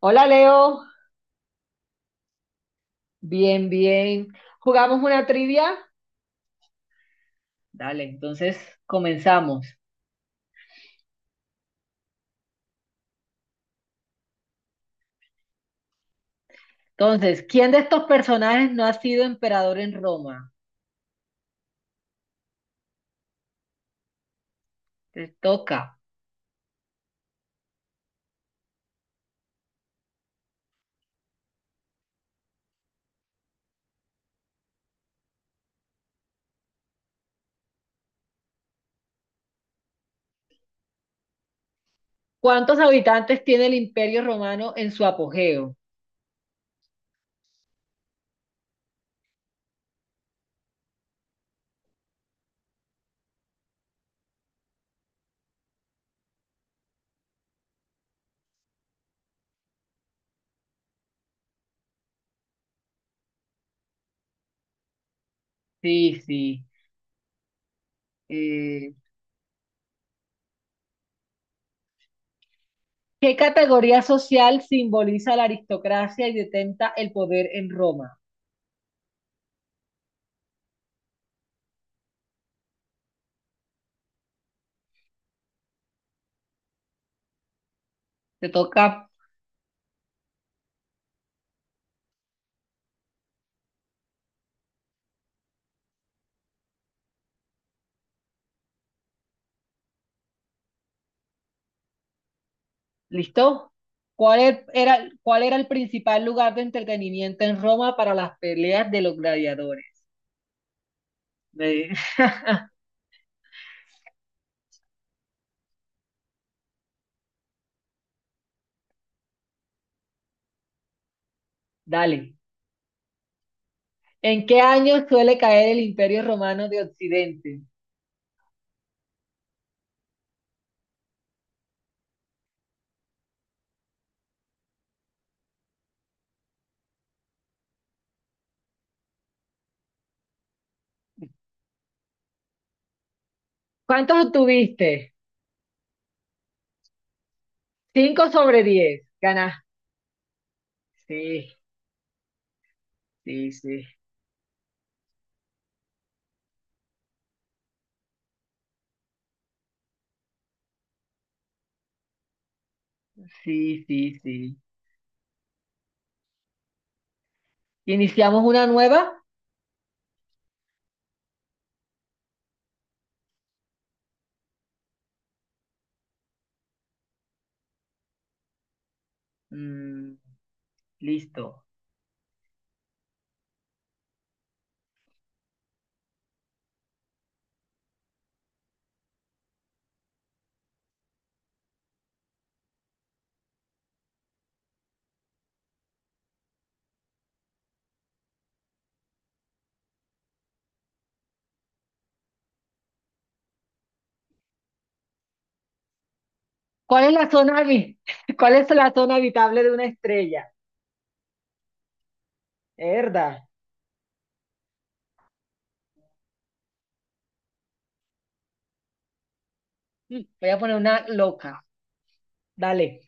Hola Leo, bien, bien. ¿Jugamos una trivia? Dale, entonces comenzamos. Entonces, ¿quién de estos personajes no ha sido emperador en Roma? Te toca. ¿Cuántos habitantes tiene el Imperio Romano en su apogeo? Sí, sí. Eh, ¿Qué categoría social simboliza la aristocracia y detenta el poder en Roma? Te toca. ¿Listo? ¿Cuál era el principal lugar de entretenimiento en Roma para las peleas de los gladiadores? Eh, Dale. ¿En qué año suele caer el Imperio Romano de Occidente? ¿Cuántos obtuviste? 5/10. Ganaste. Sí, sí, sí. Sí, sí, sí. ¿Iniciamos una nueva? Mm, listo. ¿Cuál es la zona habi- ¿Cuál es la zona habitable de una estrella? Verdad. Voy a poner una loca. Dale.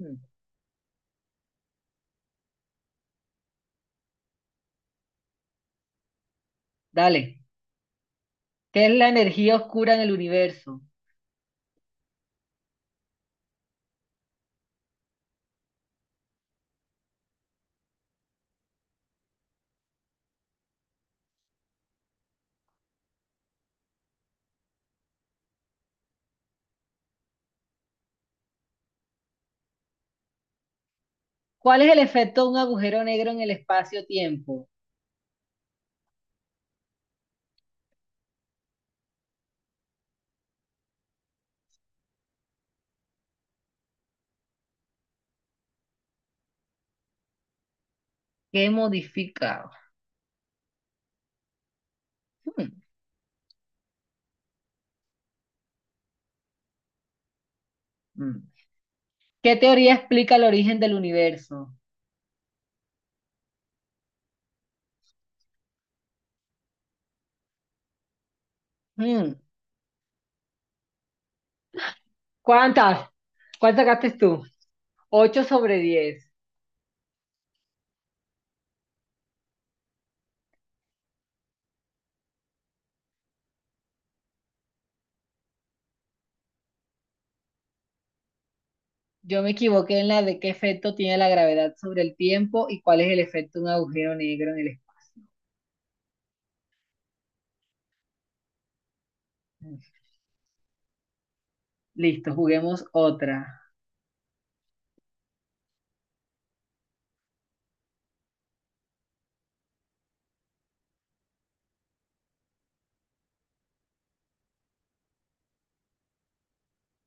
Mm, Dale. ¿Qué es la energía oscura en el universo? ¿Cuál es el efecto de un agujero negro en el espacio-tiempo? ¿Qué modifica? Hmm, hmm. ¿Qué teoría explica el origen del universo? Hmm, ¿Cuántas? ¿Cuántas sacaste tú? 8/10. Yo me equivoqué en la de qué efecto tiene la gravedad sobre el tiempo y cuál es el efecto de un agujero negro en el espacio. Listo, juguemos otra.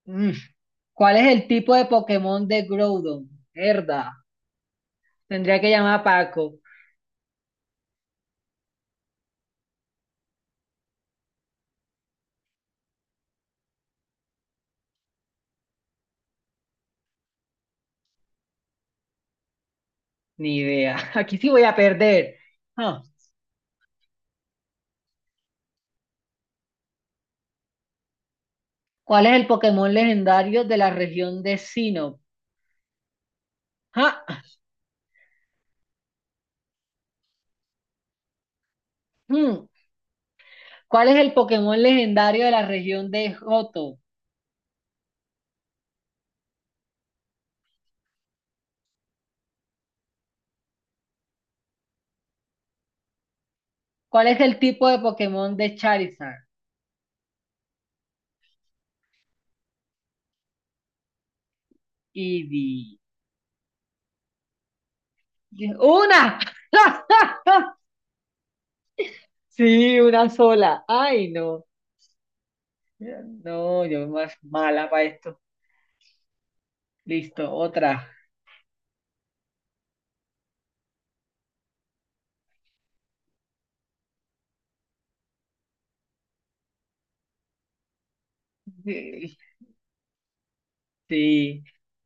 Mm. ¿Cuál es el tipo de Pokémon de Groudon? Herda. Tendría que llamar a Paco. Ni idea. Aquí sí voy a perder. Ah. ¿Cuál es el Pokémon legendario de la región de Sinnoh? Ja, mm. ¿Cuál es el Pokémon legendario de la región de Johto? ¿Cuál es el tipo de Pokémon de Charizard? Y di- ¡Una! Sí, una sola. Ay, no. No, yo más mala para esto. Listo, otra. Sí, sí.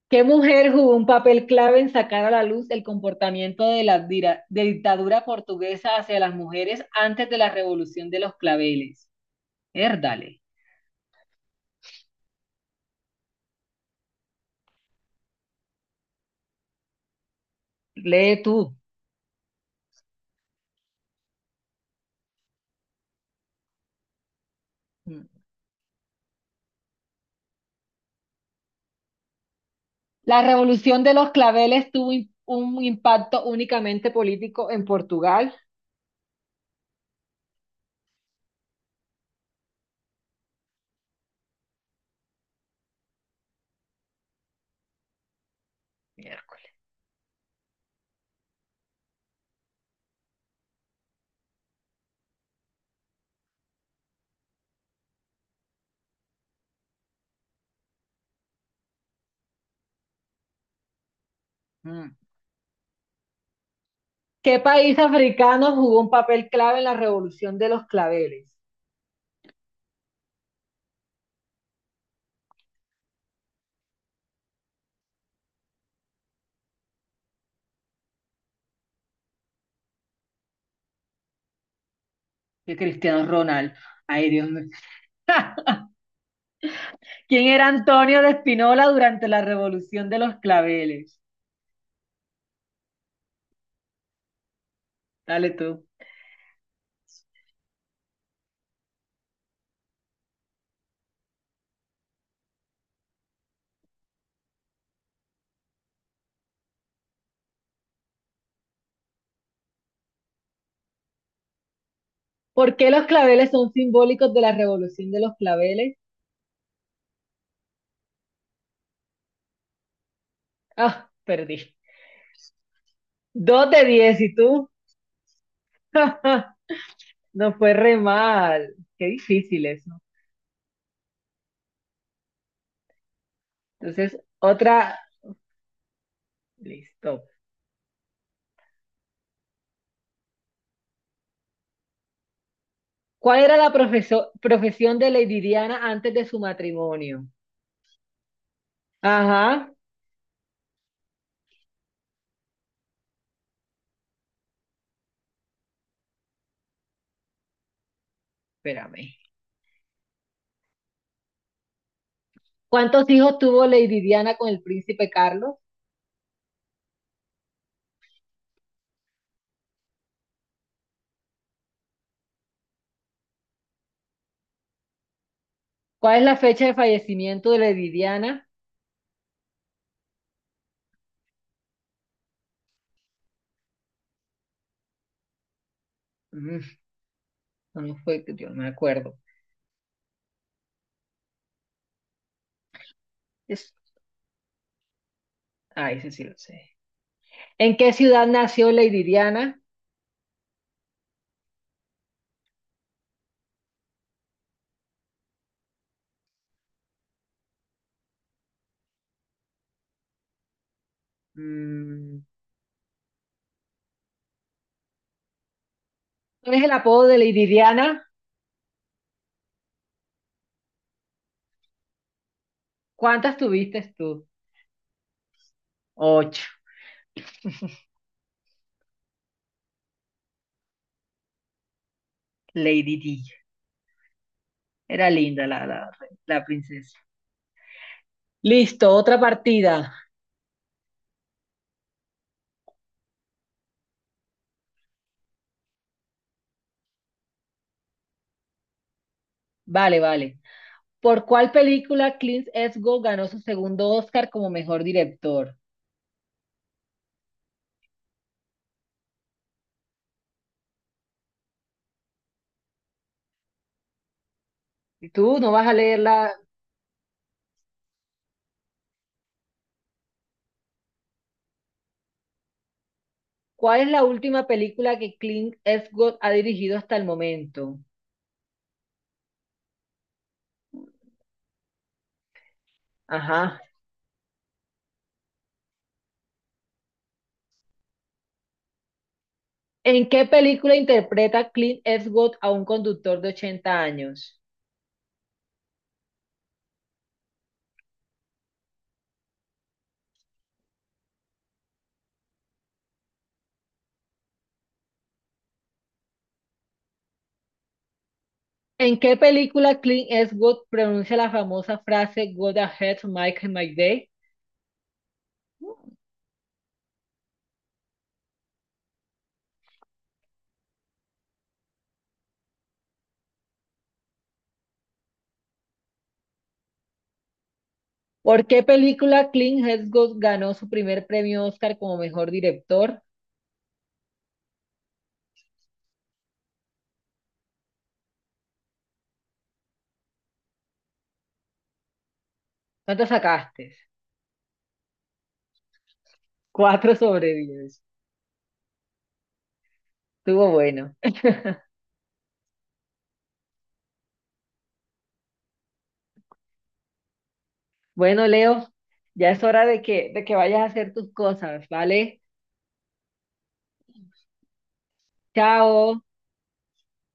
¿Qué mujer jugó un papel clave en sacar a la luz el comportamiento de la dira- de dictadura portuguesa hacia las mujeres antes de la Revolución de los Claveles? Érdale, lee tú. Mm. La revolución de los claveles tuvo un impacto únicamente político en Portugal. Miércoles. Mm. ¿Qué país africano jugó un papel clave en la revolución de los claveles? Que Cristiano Ronaldo. Ay, Dios mío. ¿Quién era Antonio de Espinola durante la revolución de los claveles? Dale tú. ¿Por qué los claveles son simbólicos de la revolución de los claveles? Ah, perdí. 2/10, ¿y tú? No fue re mal. Qué difícil difíciles. Entonces, otra, listo. ¿Cuál era la profesión de Lady Diana antes de su matrimonio? Ajá, espérame. ¿Cuántos hijos tuvo Lady Diana con el príncipe Carlos? ¿Cuál es la fecha de fallecimiento de Lady Diana? Mm, no fue, yo no me acuerdo. Es, ah, ese sí lo sé. ¿En qué ciudad nació Lady Diana? Mm, ¿cuál es el apodo de Lady Diana? ¿Cuántas tuviste tú? Ocho. Lady D. Era linda la, princesa. Listo, otra partida. Vale, vale. ¿Por cuál película Clint Eastwood ganó su segundo Oscar como mejor director? Y tú no vas a leerla. ¿Cuál es la última película que Clint Eastwood ha dirigido hasta el momento? Ajá. ¿En qué película interpreta Clint Eastwood a un conductor de 80 años? ¿En qué película Clint Eastwood pronuncia la famosa frase "Go ahead, Mike my day"? ¿Por qué película Clint Eastwood ganó su primer premio Oscar como mejor director? ¿Cuánto sacaste? 4/10. Estuvo bueno. Bueno, Leo, ya es hora de que vayas a hacer tus cosas, ¿vale? Chao.